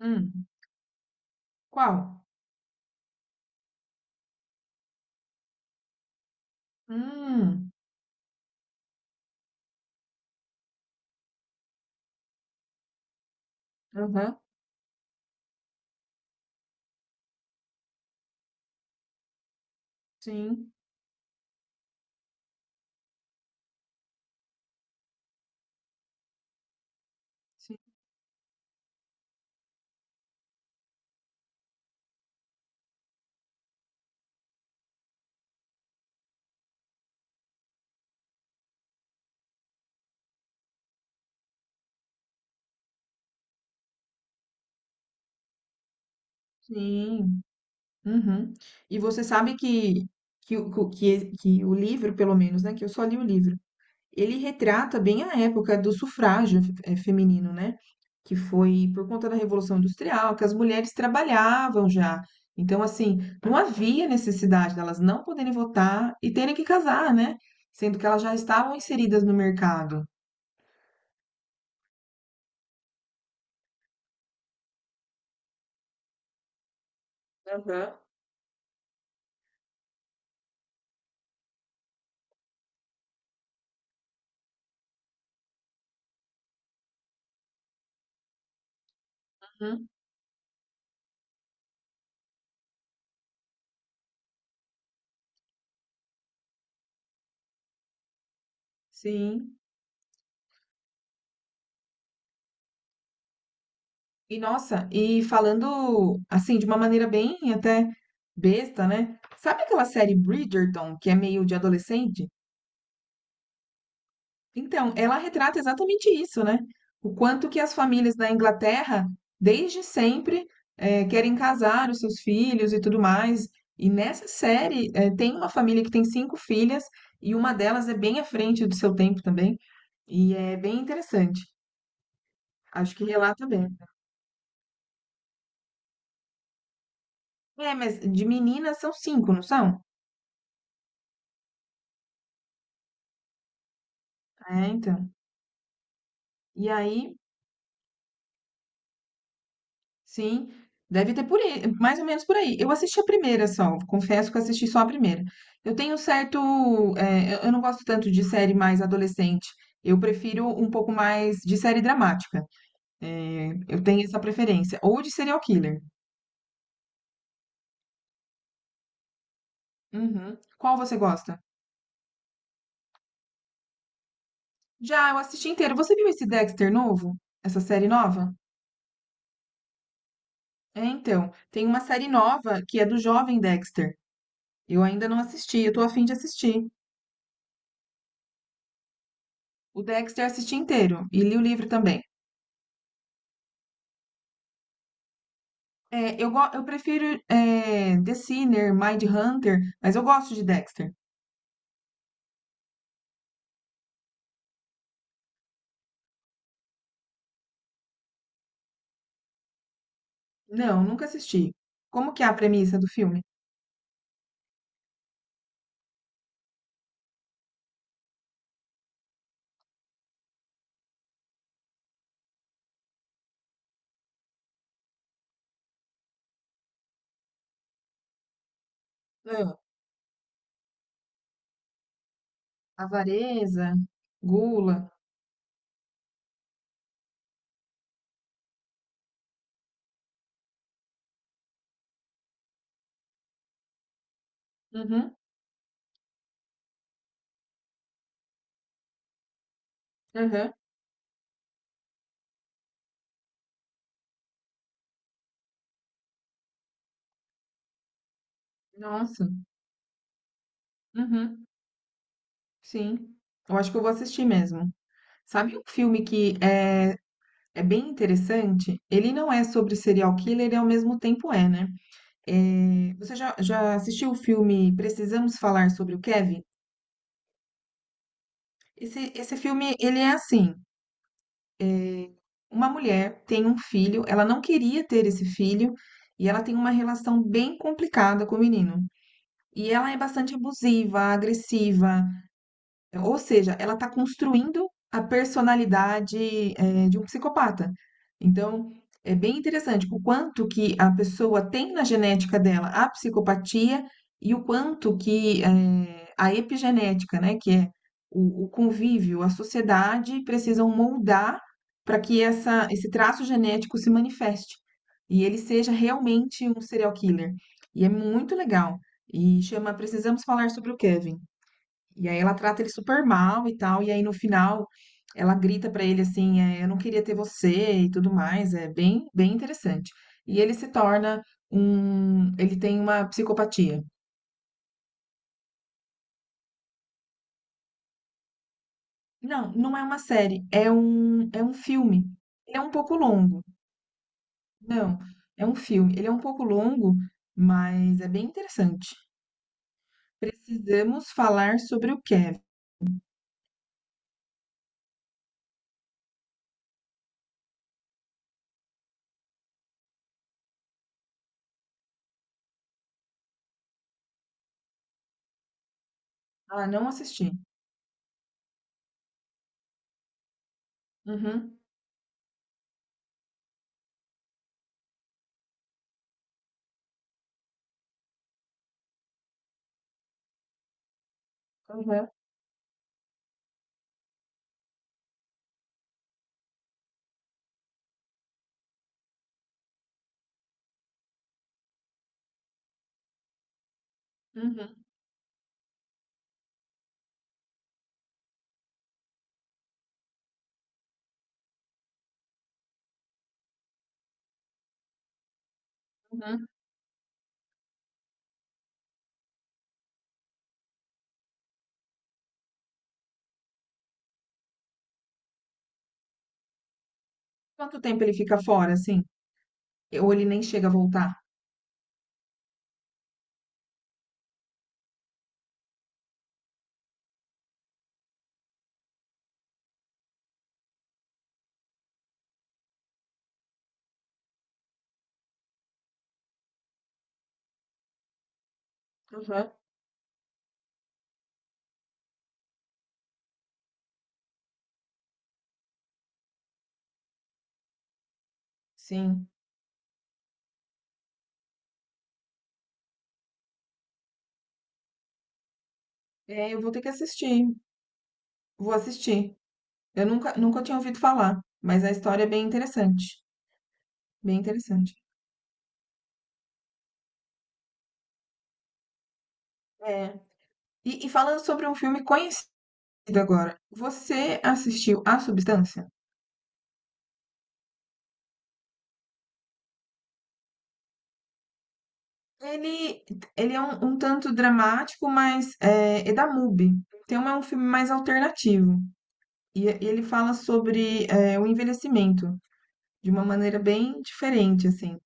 Hum. Qual? Hum, aham, sim, sim, sim, uhum. E você sabe que, que o livro, pelo menos, né, que eu só li o livro, ele retrata bem a época do sufrágio, feminino, né, que foi por conta da Revolução Industrial, que as mulheres trabalhavam já. Então, assim, não havia necessidade delas não poderem votar e terem que casar, né, sendo que elas já estavam inseridas no mercado. Aham. Uhum, sim. E nossa, e falando assim, de uma maneira bem até besta, né? Sabe aquela série Bridgerton, que é meio de adolescente? Então, ela retrata exatamente isso, né? O quanto que as famílias na Inglaterra, desde sempre, querem casar os seus filhos e tudo mais. E nessa série, tem uma família que tem cinco filhas, e uma delas é bem à frente do seu tempo também, e é bem interessante. Acho que relata bem. É, mas de meninas são cinco, não são? É, então. E aí sim, deve ter por aí, mais ou menos por aí. Eu assisti a primeira só, confesso que eu assisti só a primeira. Eu tenho um certo, eu não gosto tanto de série mais adolescente. Eu prefiro um pouco mais de série dramática. Eu tenho essa preferência. Ou de serial killer. Uhum. Qual você gosta? Já, eu assisti inteiro. Você viu esse Dexter novo? Essa série nova? É, então. Tem uma série nova que é do jovem Dexter. Eu ainda não assisti, eu tô a fim de assistir. O Dexter assisti inteiro e li o livro também. Eu prefiro é The Sinner, Mindhunter, mas eu gosto de Dexter. Não, nunca assisti. Como que é a premissa do filme? Ah, avareza, gula. Uhum, uhum. Nossa. Uhum, sim. Eu acho que eu vou assistir mesmo. Sabe um filme que é bem interessante? Ele não é sobre serial killer e ao mesmo tempo é, né? É, você já, já assistiu o filme Precisamos Falar sobre o Kevin? Esse filme, ele é assim, uma mulher tem um filho, ela não queria ter esse filho, e ela tem uma relação bem complicada com o menino. E ela é bastante abusiva, agressiva, ou seja, ela está construindo a personalidade, de um psicopata. Então, é bem interessante o quanto que a pessoa tem na genética dela a psicopatia e o quanto que, a epigenética, né, que é o convívio, a sociedade, precisam moldar para que essa esse traço genético se manifeste e ele seja realmente um serial killer. E é muito legal. E chama Precisamos Falar sobre o Kevin. E aí ela trata ele super mal e tal. E aí no final ela grita pra ele assim, é, eu não queria ter você e tudo mais. É bem, bem interessante. E ele se torna um, ele tem uma psicopatia. Não, não é uma série, é um filme. Ele é um pouco longo. Não, é um filme. Ele é um pouco longo, mas é bem interessante. Precisamos falar sobre o Kevin. Ah, não assisti. Uhum, uhum, uhum, uhum. Quanto tempo ele fica fora, assim? Ou ele nem chega a voltar? Aham. Sim. É, eu vou ter que assistir. Vou assistir. Eu nunca, nunca tinha ouvido falar, mas a história é bem interessante. Bem interessante. É. E, e falando sobre um filme conhecido agora, você assistiu A Substância? Ele, ele é um, um tanto dramático, mas é da MUBI. Então é um filme mais alternativo. E ele fala sobre o envelhecimento de uma maneira bem diferente, assim.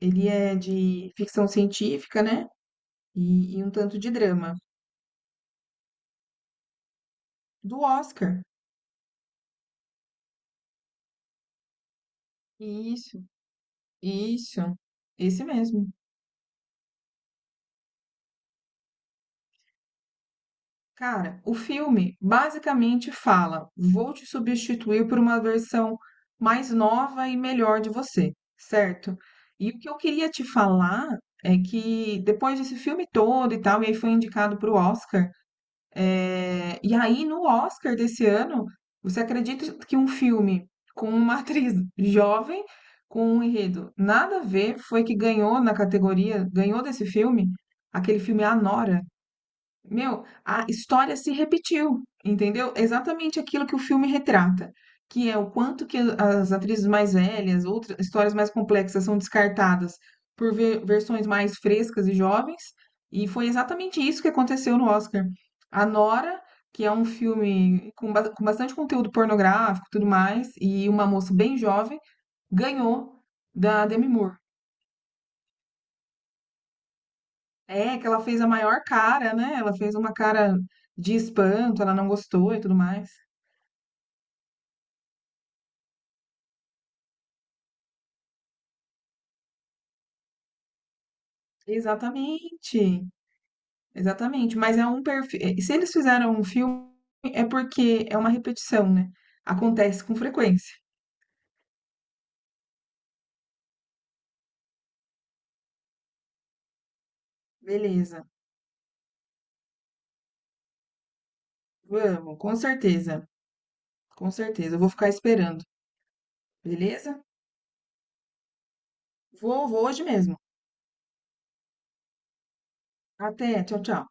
Ele é de ficção científica, né? E um tanto de drama. Do Oscar. Isso. Isso, esse mesmo. Cara, o filme basicamente fala: vou te substituir por uma versão mais nova e melhor de você, certo? E o que eu queria te falar é que depois desse filme todo e tal, e aí foi indicado para o Oscar. É, e aí, no Oscar desse ano, você acredita que um filme com uma atriz jovem, com um enredo nada a ver, foi que ganhou na categoria, ganhou desse filme, aquele filme a Nora. Meu, a história se repetiu, entendeu? Exatamente aquilo que o filme retrata, que é o quanto que as atrizes mais velhas, outras histórias mais complexas são descartadas por versões mais frescas e jovens, e foi exatamente isso que aconteceu no Oscar. A Nora, que é um filme com, com bastante conteúdo pornográfico, e tudo mais, e uma moça bem jovem, ganhou da Demi Moore. É, que ela fez a maior cara, né? Ela fez uma cara de espanto, ela não gostou e tudo mais. Exatamente, exatamente. Mas é um perfil. Se eles fizeram um filme, é porque é uma repetição, né? Acontece com frequência. Beleza, vamos, com certeza, com certeza. Eu vou ficar esperando, beleza? Vou, vou hoje mesmo. Até, tchau, tchau.